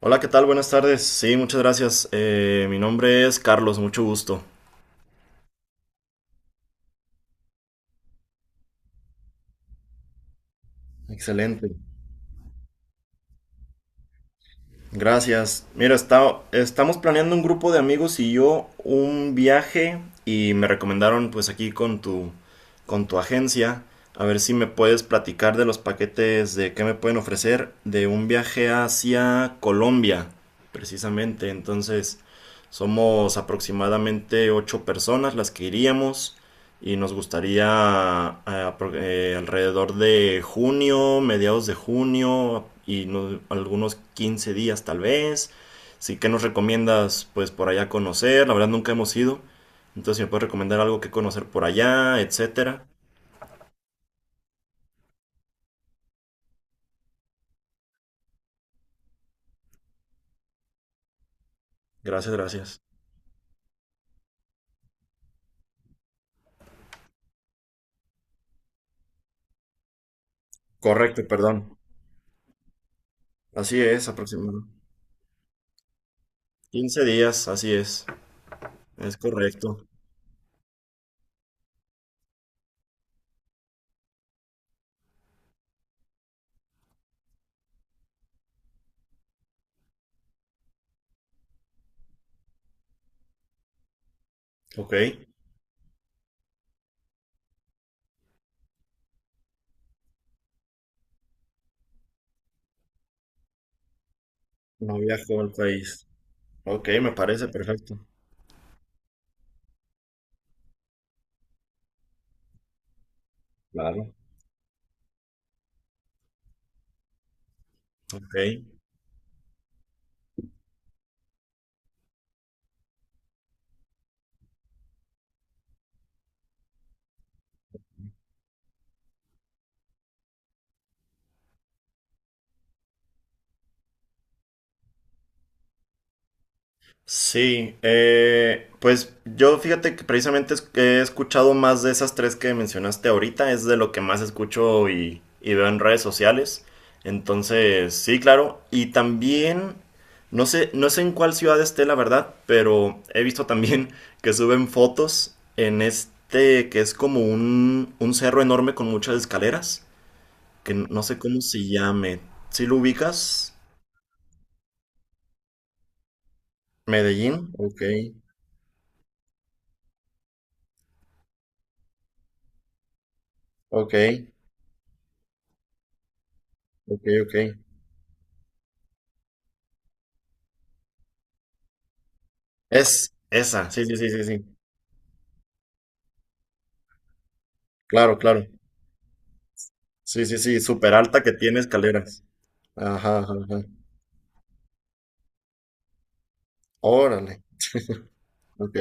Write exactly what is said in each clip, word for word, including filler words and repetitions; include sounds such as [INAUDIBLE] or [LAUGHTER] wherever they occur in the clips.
Hola, ¿qué tal? Buenas tardes. Sí, muchas gracias. Eh, mi nombre es Carlos, mucho gusto. Excelente. Gracias. Mira, está- estamos planeando un grupo de amigos y yo un viaje y me recomendaron pues aquí con tu, con tu agencia, a ver si me puedes platicar de los paquetes de qué me pueden ofrecer de un viaje hacia Colombia, precisamente. Entonces, somos aproximadamente ocho personas las que iríamos. Y nos gustaría eh, eh, alrededor de junio, mediados de junio y no- algunos quince días tal vez. Sí, ¿qué nos recomiendas pues por allá conocer? La verdad nunca hemos ido. Entonces, si me puedes recomendar algo que conocer por allá, etcétera. Gracias, gracias. Correcto, perdón. Así es, aproximadamente. Quince días, así es. Es correcto. Ok. No viajó al país. Ok, me parece perfecto. Claro. Ok. Sí, eh, pues yo fíjate que precisamente es- he escuchado más de esas tres que mencionaste ahorita, es de lo que más escucho y, y veo en redes sociales. Entonces, sí, claro. Y también, no sé, no sé en cuál ciudad esté, la verdad, pero he visto también [LAUGHS] que suben fotos en este que es como un, un cerro enorme con muchas escaleras, que no sé cómo se llame. ¿Sí lo ubicas? Medellín. Ok, ok, ok, ok. Es esa, sí, sí, sí, sí, sí. Claro, claro. Sí, sí, sí, súper alta que tiene escaleras. Ajá, ajá, ajá. Órale. Ok,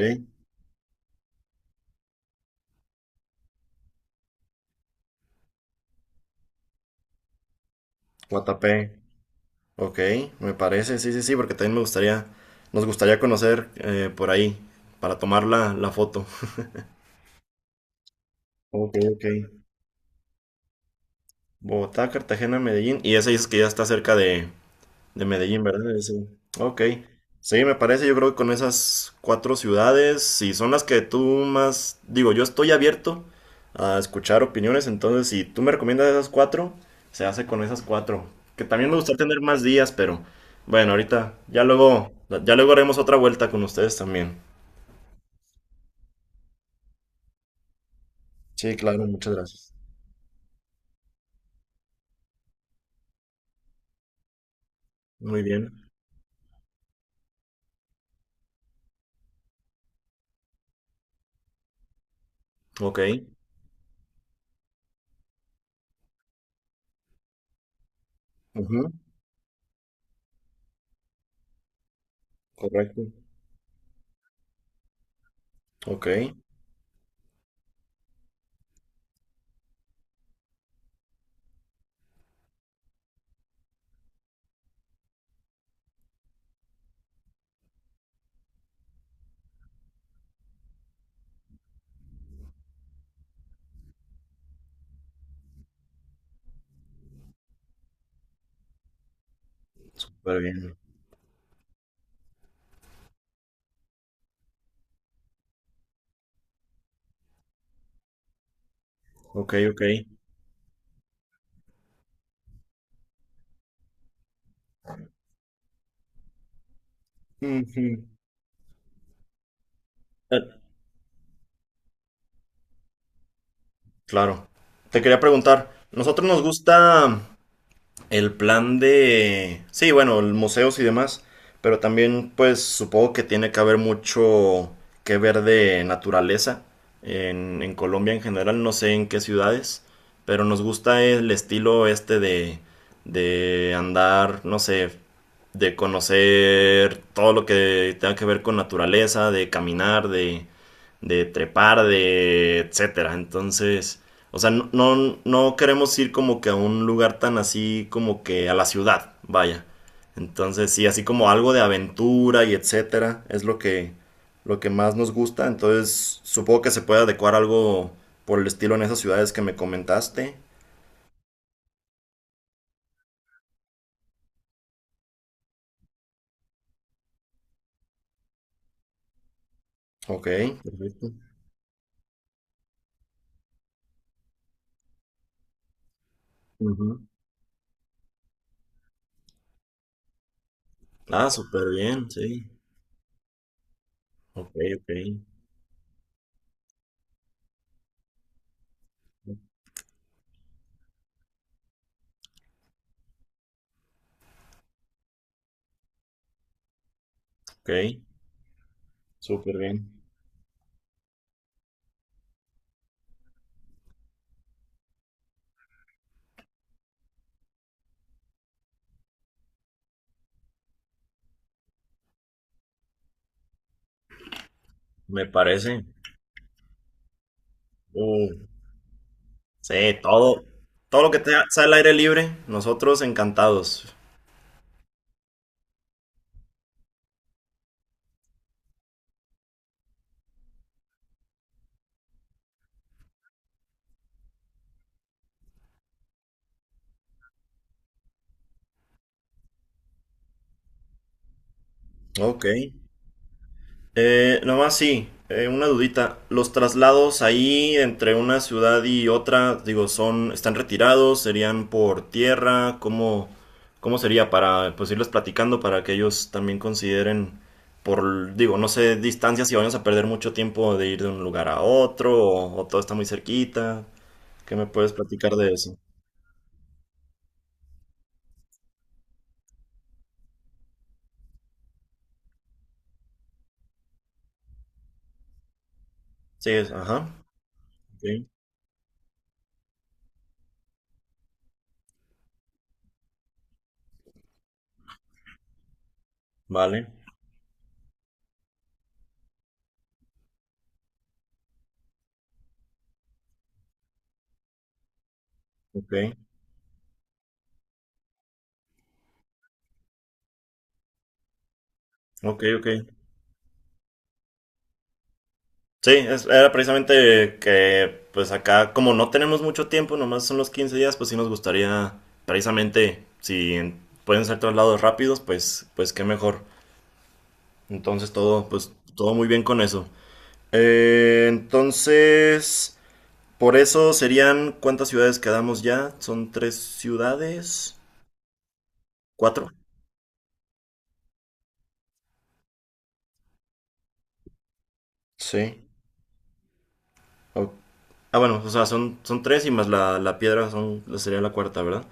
Guatapé. Ok, me parece, sí, sí, sí, porque también me gustaría, nos gustaría conocer eh, por ahí para tomar la, la foto. Ok, ok. Bogotá, Cartagena, Medellín. Y esa dices que ya está cerca de, De Medellín, ¿verdad? Ese. Ok. Sí, me parece, yo creo que con esas cuatro ciudades, si son las que tú más, digo, yo estoy abierto a escuchar opiniones, entonces si tú me recomiendas esas cuatro, se hace con esas cuatro. Que también me gustaría tener más días, pero bueno, ahorita ya luego, ya luego haremos otra vuelta con ustedes también. Sí, claro, muchas gracias. Muy bien. Ok. Ujú, correcto. Ok. Súper bien. Ok, ok. Ujú. Claro. Te quería preguntar, nosotros nos gusta el plan de, sí, bueno, el museos y demás, pero también pues supongo que tiene que haber mucho que ver de naturaleza en, en Colombia en general, no sé en qué ciudades, pero nos gusta el estilo este de, de andar, no sé, de conocer todo lo que tenga que ver con naturaleza, de caminar, de, de trepar, de etcétera. Entonces. O sea, no, no, no queremos ir como que a un lugar tan así como que a la ciudad, vaya. Entonces, sí, así como algo de aventura y etcétera, es lo que, lo que más nos gusta. Entonces, supongo que se puede adecuar algo por el estilo en esas ciudades que me comentaste. Ok, perfecto. Ujú. Ah, súper bien, sí. Ok, ok. Ok, súper bien. Me parece. Uh, sí, todo, todo lo que te- sea al aire libre, nosotros encantados. Ok. Eh, nomás sí, eh, una dudita. ¿Los traslados ahí entre una ciudad y otra, digo, son, están retirados, serían por tierra? ¿Cómo, cómo sería para, pues, irles platicando para que ellos también consideren por, digo, no sé, distancias si vamos a perder mucho tiempo de ir de un lugar a otro o, o todo está muy cerquita? ¿Qué me puedes platicar de eso? Sí, es- ajá. Ok. Vale. Ok. Ok, ok. Sí, es- era precisamente que pues acá como no tenemos mucho tiempo, nomás son los quince días, pues sí nos gustaría precisamente si en- pueden ser traslados rápidos, pues pues qué mejor. Entonces todo pues todo muy bien con eso. Eh, entonces, por eso serían ¿cuántas ciudades quedamos ya? Son tres ciudades, cuatro. Sí. O- Ah, bueno, o sea, son, son tres y más la, la piedra son, sería la cuarta, ¿verdad?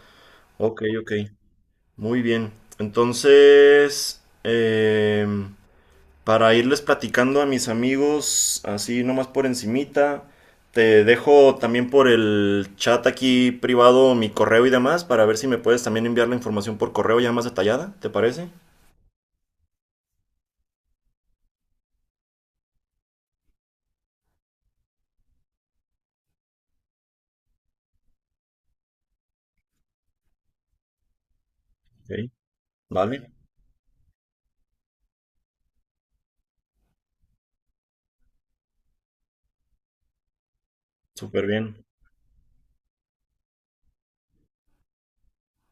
Ok, ok. Muy bien. Entonces, eh, para irles platicando a mis amigos, así nomás por encimita, te dejo también por el chat aquí privado mi correo y demás para ver si me puedes también enviar la información por correo ya más detallada, ¿te parece? Ok, vale, súper bien.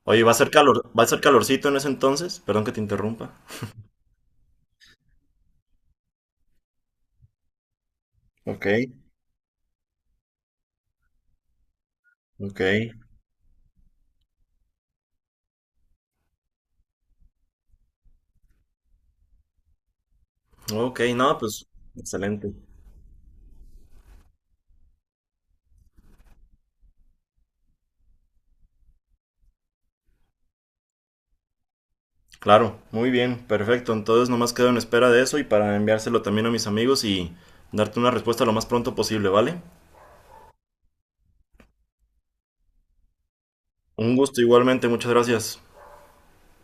Oye, ¿va a ser calor, va a ser calorcito en ese entonces? Perdón que te interrumpa. Ok, ok. Ok, no, pues excelente. Claro, muy bien, perfecto. Entonces nomás quedo en espera de eso y para enviárselo también a mis amigos y darte una respuesta lo más pronto posible, ¿vale? Un gusto igualmente, muchas gracias.